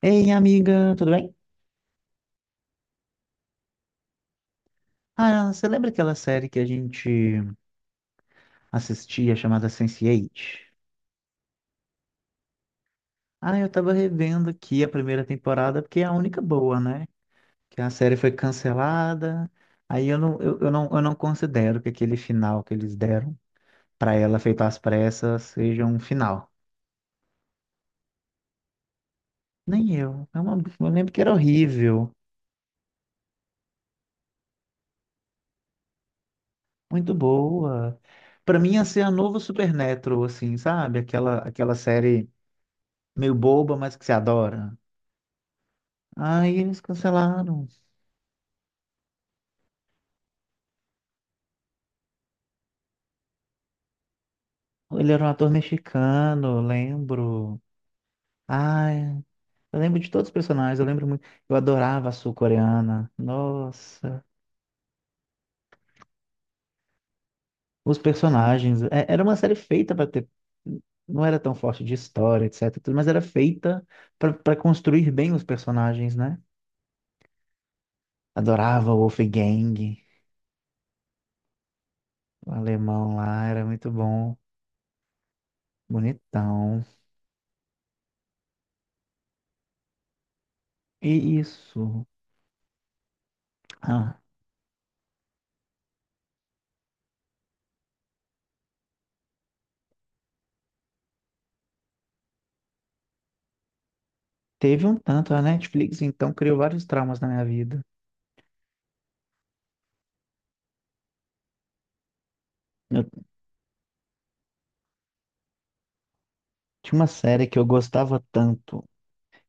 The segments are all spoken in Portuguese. Ei, amiga, tudo bem? Ah, você lembra aquela série que a gente assistia chamada Sense8? Ah, eu tava revendo aqui a primeira temporada porque é a única boa, né? Que a série foi cancelada. Aí eu não considero que aquele final que eles deram pra ela feito às pressas seja um final. Nem eu. Eu lembro que era horrível, muito boa. Pra mim ia ser a novo Supernatural, assim, sabe? Aquela série meio boba, mas que se adora. Aí eles cancelaram. Ele era um ator mexicano, eu lembro. Ai, eu lembro de todos os personagens, eu lembro muito. Eu adorava a sul-coreana. Nossa, os personagens. Era uma série feita para ter. Não era tão forte de história, etc. tudo, mas era feita para construir bem os personagens, né? Adorava o Wolfgang, o alemão lá, era muito bom, bonitão. E isso. Ah, teve um tanto, a Netflix então criou vários traumas na minha vida. Eu tinha uma série que eu gostava tanto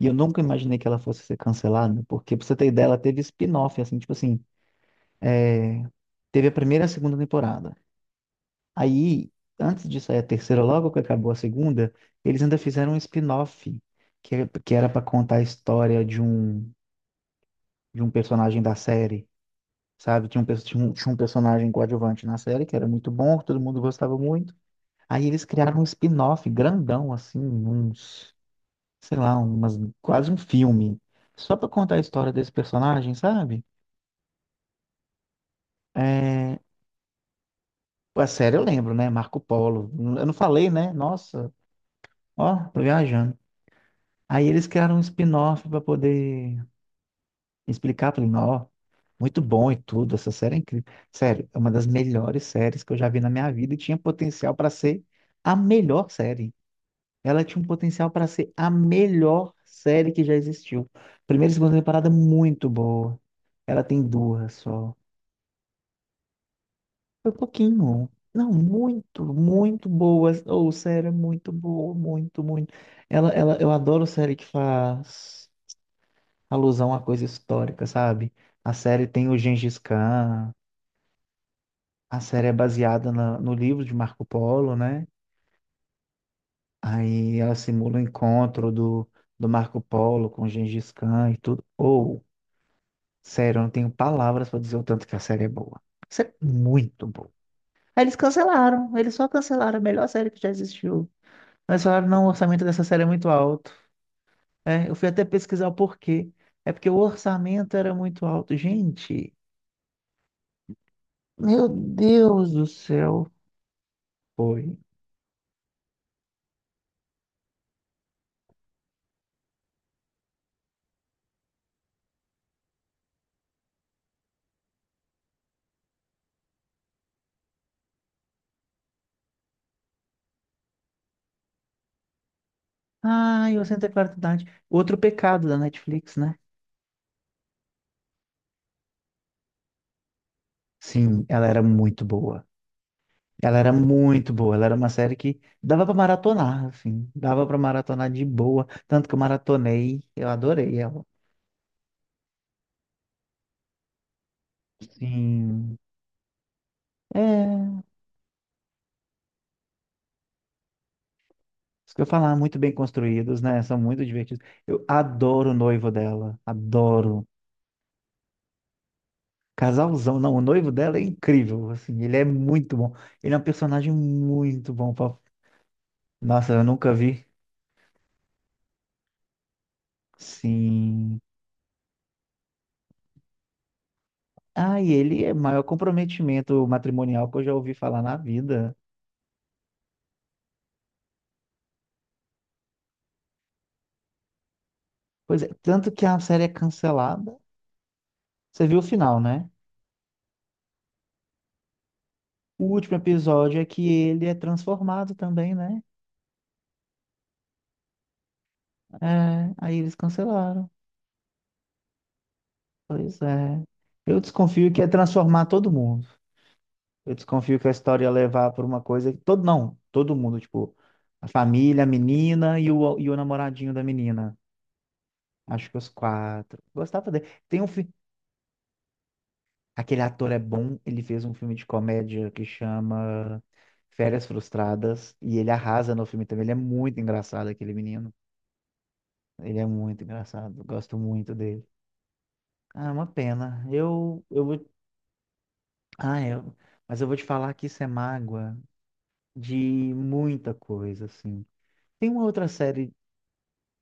e eu nunca imaginei que ela fosse ser cancelada, porque pra você ter ideia, ela teve spin-off, assim, tipo assim, teve a primeira e a segunda temporada. Aí, antes de sair a terceira, logo que acabou a segunda, eles ainda fizeram um spin-off, que era pra contar a história de um personagem da série, sabe? Tinha um, pe- tinha um personagem coadjuvante na série que era muito bom, que todo mundo gostava muito. Aí eles criaram um spin-off grandão, assim, uns. Sei lá, quase um filme, só pra contar a história desse personagem, sabe? É, a série eu lembro, né? Marco Polo. Eu não falei, né? Nossa, ó, tô viajando. Aí eles criaram um spin-off pra poder explicar pra ele, ó, muito bom e tudo, essa série é incrível. Sério, é uma das melhores séries que eu já vi na minha vida e tinha potencial pra ser a melhor série. Ela tinha um potencial pra ser a melhor série que já existiu. Primeira e segunda temporada muito boa. Ela tem duas só. Foi um pouquinho. Não, muito, muito boa. Ou série é muito boa, muito, muito. Eu adoro série que faz alusão a coisa histórica, sabe? A série tem o Gengis Khan, a série é baseada no livro de Marco Polo, né? Aí ela simula o encontro do Marco Polo com o Gengis Khan e tudo. Ou, sério, eu não tenho palavras pra dizer o tanto que a série é boa. A série é muito boa. Aí eles cancelaram, eles só cancelaram a melhor série que já existiu. Mas falaram, não, o orçamento dessa série é muito alto. É, eu fui até pesquisar o porquê. É porque o orçamento era muito alto. Gente, meu Deus do céu. Foi. Ai, eu sinto a claridade. Outro pecado da Netflix, né? Sim, ela era muito boa. Ela era muito boa. Ela era uma série que dava pra maratonar, assim. Dava pra maratonar de boa. Tanto que eu maratonei. Eu adorei ela. Sim. É. Isso que eu ia falar, muito bem construídos, né? São muito divertidos. Eu adoro o noivo dela, adoro. Casalzão, não, o noivo dela é incrível, assim, ele é muito bom. Ele é um personagem muito bom. Nossa, eu nunca vi. Sim. Ah, e ele é o maior comprometimento matrimonial que eu já ouvi falar na vida. Pois é, tanto que a série é cancelada. Você viu o final, né? O último episódio é que ele é transformado também, né? É, aí eles cancelaram. Pois é. Eu desconfio que é transformar todo mundo. Eu desconfio que a história ia levar por uma coisa que todo não, todo mundo, tipo, a família, a menina e o namoradinho da menina. Acho que os quatro. Gostava dele. Aquele ator é bom, ele fez um filme de comédia que chama Férias Frustradas e ele arrasa no filme também. Ele é muito engraçado aquele menino. Ele é muito engraçado. Gosto muito dele. Ah, é uma pena. Eu vou Ah, eu... Mas eu vou te falar que isso é mágoa de muita coisa, assim. Tem uma outra série,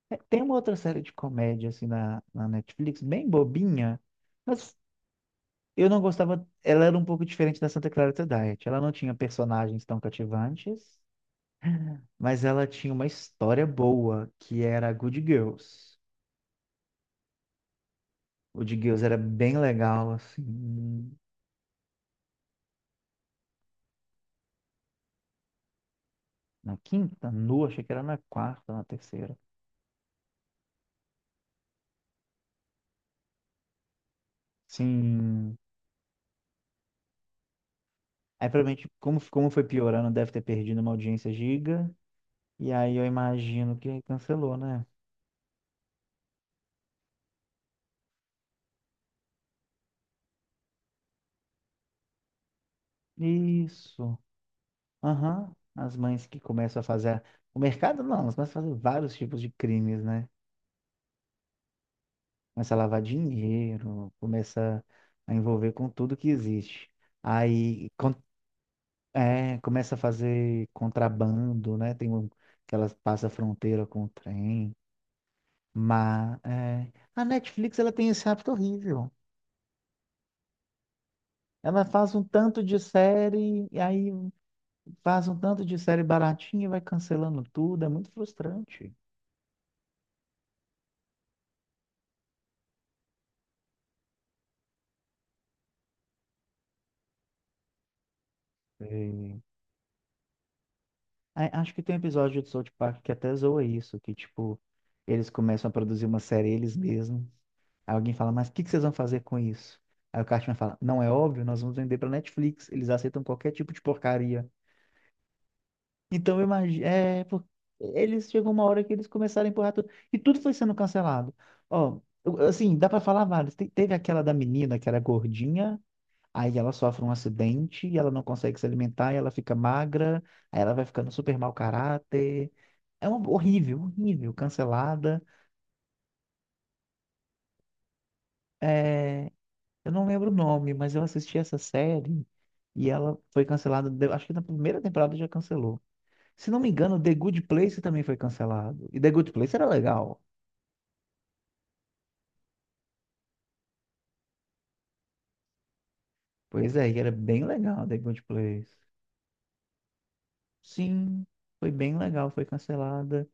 tem uma outra série de comédia, assim, na Netflix, bem bobinha, mas eu não gostava, ela era um pouco diferente da Santa Clarita Diet. Ela não tinha personagens tão cativantes, mas ela tinha uma história boa, que era Good Girls. Good Girls era bem legal, assim, na quinta, achei que era na quarta, na terceira. Sim. Aí, provavelmente, como foi piorando, deve ter perdido uma audiência giga. E aí eu imagino que cancelou, né? Isso. Aham. As mães que começam a fazer. O mercado não, elas começam a fazer vários tipos de crimes, né? Começa a lavar dinheiro, começa a envolver com tudo que existe. Aí con- É, começa a fazer contrabando, né? Tem um, que elas passam a fronteira com o trem. Mas é, a Netflix ela tem esse hábito horrível. Ela faz um tanto de série e aí faz um tanto de série baratinha e vai cancelando tudo, é muito frustrante. E- Ai, acho que tem um episódio de South Park que até zoa isso, que tipo, eles começam a produzir uma série eles mesmos. Aí alguém fala, mas o que que vocês vão fazer com isso? Aí o Cartman fala, não é óbvio, nós vamos vender pra Netflix, eles aceitam qualquer tipo de porcaria. Então eu imagino, eles chegou uma hora que eles começaram a empurrar tudo, e tudo foi sendo cancelado. Ó, assim, dá pra falar vários. Teve aquela da menina que era gordinha, aí ela sofre um acidente e ela não consegue se alimentar, e ela fica magra, aí ela vai ficando super mau caráter. É horrível, horrível, cancelada. É, eu não lembro o nome, mas eu assisti essa série e ela foi cancelada, acho que na primeira temporada já cancelou. Se não me engano, The Good Place também foi cancelado. E The Good Place era legal. Pois é, e era bem legal The Good Place. Sim, foi bem legal, foi cancelada.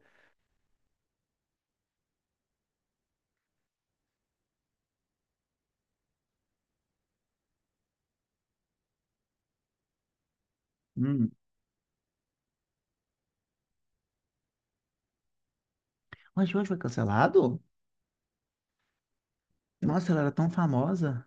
Hum. Mas hoje foi cancelado? Nossa, ela era tão famosa.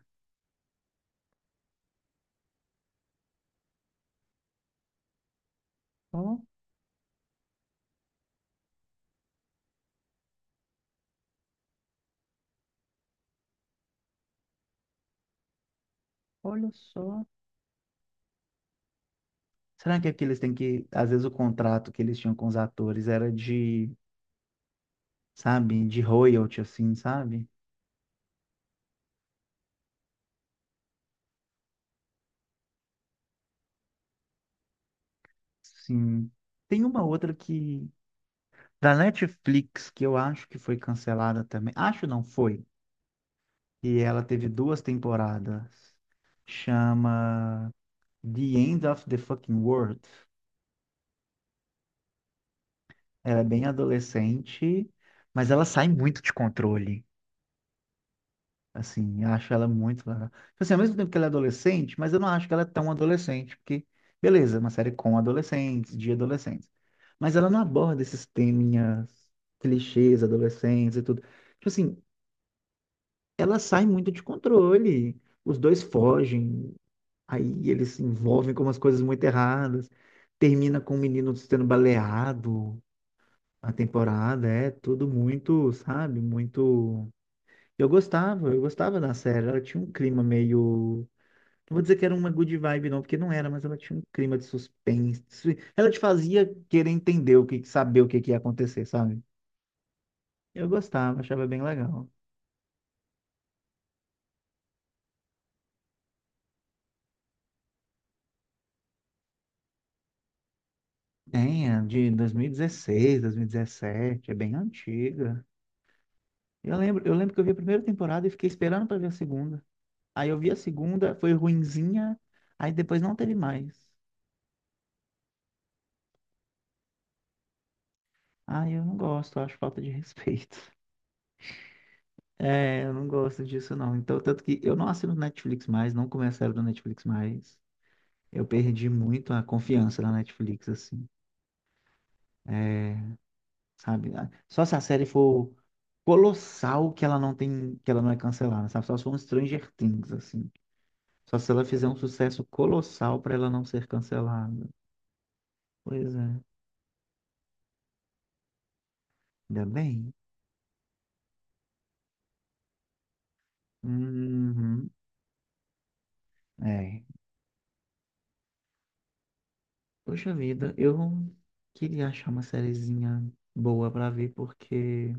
Olha só. Será que aqueles têm que. Às vezes o contrato que eles tinham com os atores era de, sabe, de royalty, assim, sabe? Sim. Tem uma outra que. Da Netflix, que eu acho que foi cancelada também. Acho não foi. E ela teve duas temporadas. Chama The End of the Fucking World. Ela é bem adolescente, mas ela sai muito de controle. Assim, acho ela assim, ao mesmo tempo que ela é adolescente, mas eu não acho que ela é tão adolescente, porque, beleza, é uma série com adolescentes, de adolescentes. Mas ela não aborda esses teminhas, clichês, adolescentes e tudo. Tipo assim, ela sai muito de controle. Os dois fogem, aí eles se envolvem com umas coisas muito erradas. Termina com o menino sendo baleado a temporada, é tudo muito, sabe? Muito. Eu gostava da série. Ela tinha um clima meio não vou dizer que era uma good vibe, não, porque não era, mas ela tinha um clima de suspense. Ela te fazia querer entender o que, saber o que, que ia acontecer, sabe? Eu gostava, achava bem legal. Tem, é de 2016, 2017, é bem antiga. Eu lembro que eu vi a primeira temporada e fiquei esperando pra ver a segunda. Aí eu vi a segunda, foi ruinzinha, aí depois não teve mais. Ai, eu não gosto, eu acho falta de respeito. É, eu não gosto disso não. Então, tanto que eu não assino Netflix mais, não começo a do Netflix mais. Eu perdi muito a confiança na Netflix, assim, sabe? Ah, só se a série for colossal que ela não tem, que ela não é cancelada, sabe? Só se for um Stranger Things, assim. Só se ela fizer um sucesso colossal para ela não ser cancelada. Pois é, ainda bem. Uhum. É. Poxa vida, eu queria achar uma sériezinha boa pra ver, porque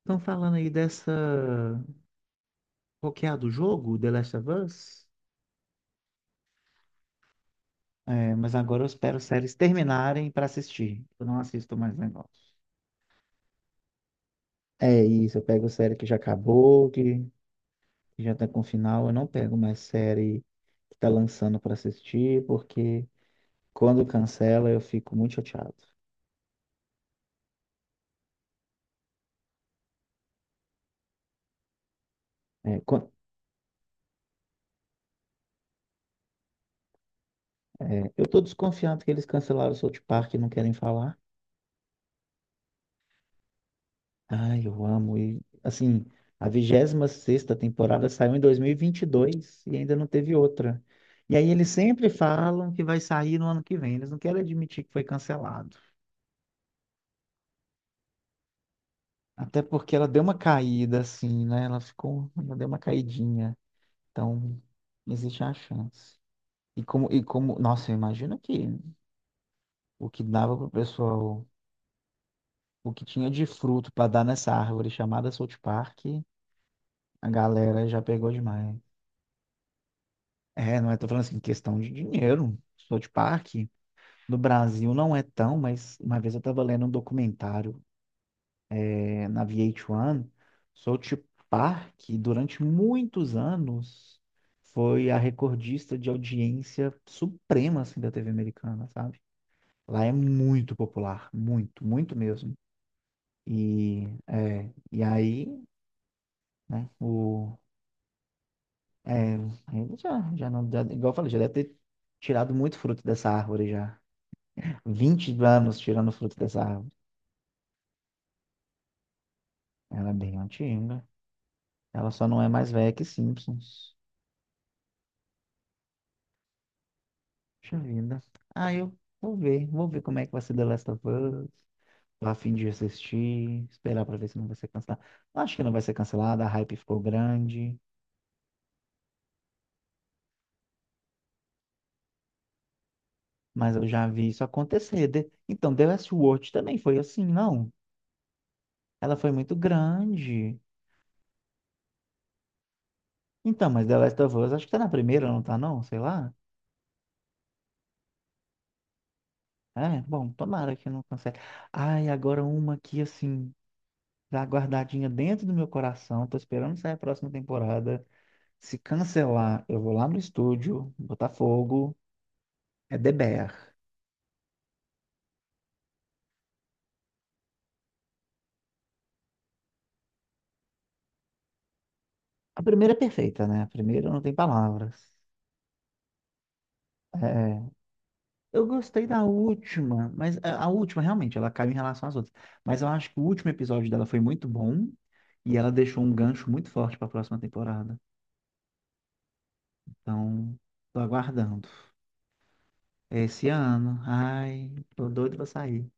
estão falando aí dessa. Qual que é a do jogo? The Last of Us? É, mas agora eu espero as séries terminarem para assistir. Eu não assisto mais negócio. É isso, eu pego série que já acabou, que já tá com final. Eu não pego mais série que tá lançando para assistir, porque quando cancela eu fico muito chateado. É, é, eu tô desconfiado que eles cancelaram o South Park e não querem falar. Ai, eu amo. E, assim, a 26ª temporada saiu em 2022 e vinte e dois e ainda não teve outra. E aí eles sempre falam que vai sair no ano que vem. Eles não querem admitir que foi cancelado. Até porque ela deu uma caída, assim, né? Ela deu uma caidinha. Então, existe a chance. Nossa, imagina que o que dava pro pessoal, o que tinha de fruto para dar nessa árvore chamada South Park, a galera já pegou demais. É, não é, tô falando assim, questão de dinheiro. South Park, no Brasil não é tão, mas uma vez eu tava lendo um documentário na VH1, South Park, durante muitos anos, foi a recordista de audiência suprema, assim, da TV americana, sabe? Lá é muito popular, muito, muito mesmo. E aí, né, o... É, ele já, já não, igual eu falei, já deve ter tirado muito fruto dessa árvore já. 20 anos tirando fruto dessa árvore. Ela é bem antiga. Ela só não é mais velha que Simpsons. Puxa vida. Ah, eu vou ver. Vou ver como é que vai ser The Last of Us. Tô a fim de assistir. Esperar pra ver se não vai ser cancelada. Acho que não vai ser cancelada. A hype ficou grande. Mas eu já vi isso acontecer. Então, The Last Watch também foi assim, não? Ela foi muito grande. Então, mas The Last of Us, acho que tá na primeira, não tá não? Sei lá. É, bom, tomara que não cancele. Ai, agora uma aqui, assim... Tá guardadinha dentro do meu coração. Tô esperando sair a próxima temporada. Se cancelar, eu vou lá no estúdio, Botafogo, é The Bear. A primeira é perfeita, né? A primeira não tem palavras. É, eu gostei da última, mas a última realmente ela caiu em relação às outras. Mas eu acho que o último episódio dela foi muito bom e ela deixou um gancho muito forte para a próxima temporada. Então, tô aguardando. Esse ano, ai, tô doido pra sair.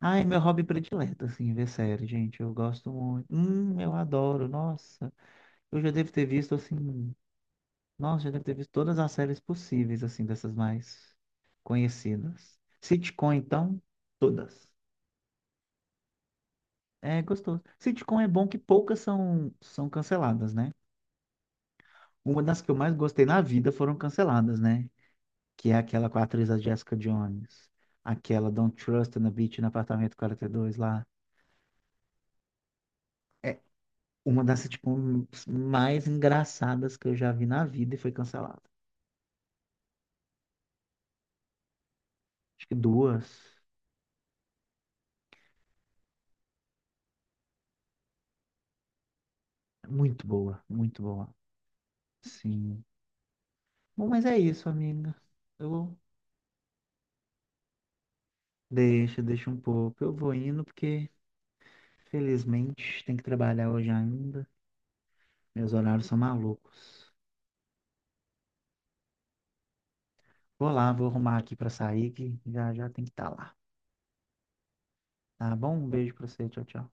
Ah, é meu hobby predileto, assim, ver série, gente. Eu gosto muito. Eu adoro, nossa. Eu já devo ter visto, assim, nossa, já devo ter visto todas as séries possíveis, assim, dessas mais conhecidas. Sitcom, então, todas. É gostoso. Sitcom é bom que poucas são canceladas, né? Uma das que eu mais gostei na vida foram canceladas, né? Que é aquela com a atriz a Jessica Jones. Aquela Don't Trust na Beach, no apartamento 42 lá. Uma das, tipo, mais engraçadas que eu já vi na vida e foi cancelada. Acho que duas. Muito boa, muito boa. Sim. Bom, mas é isso, amiga. Eu deixa um pouco. Eu vou indo porque, felizmente, tem que trabalhar hoje ainda. Meus horários são malucos. Vou lá, vou arrumar aqui pra sair, que já já tem que estar lá. Tá bom? Um beijo pra você. Tchau, tchau.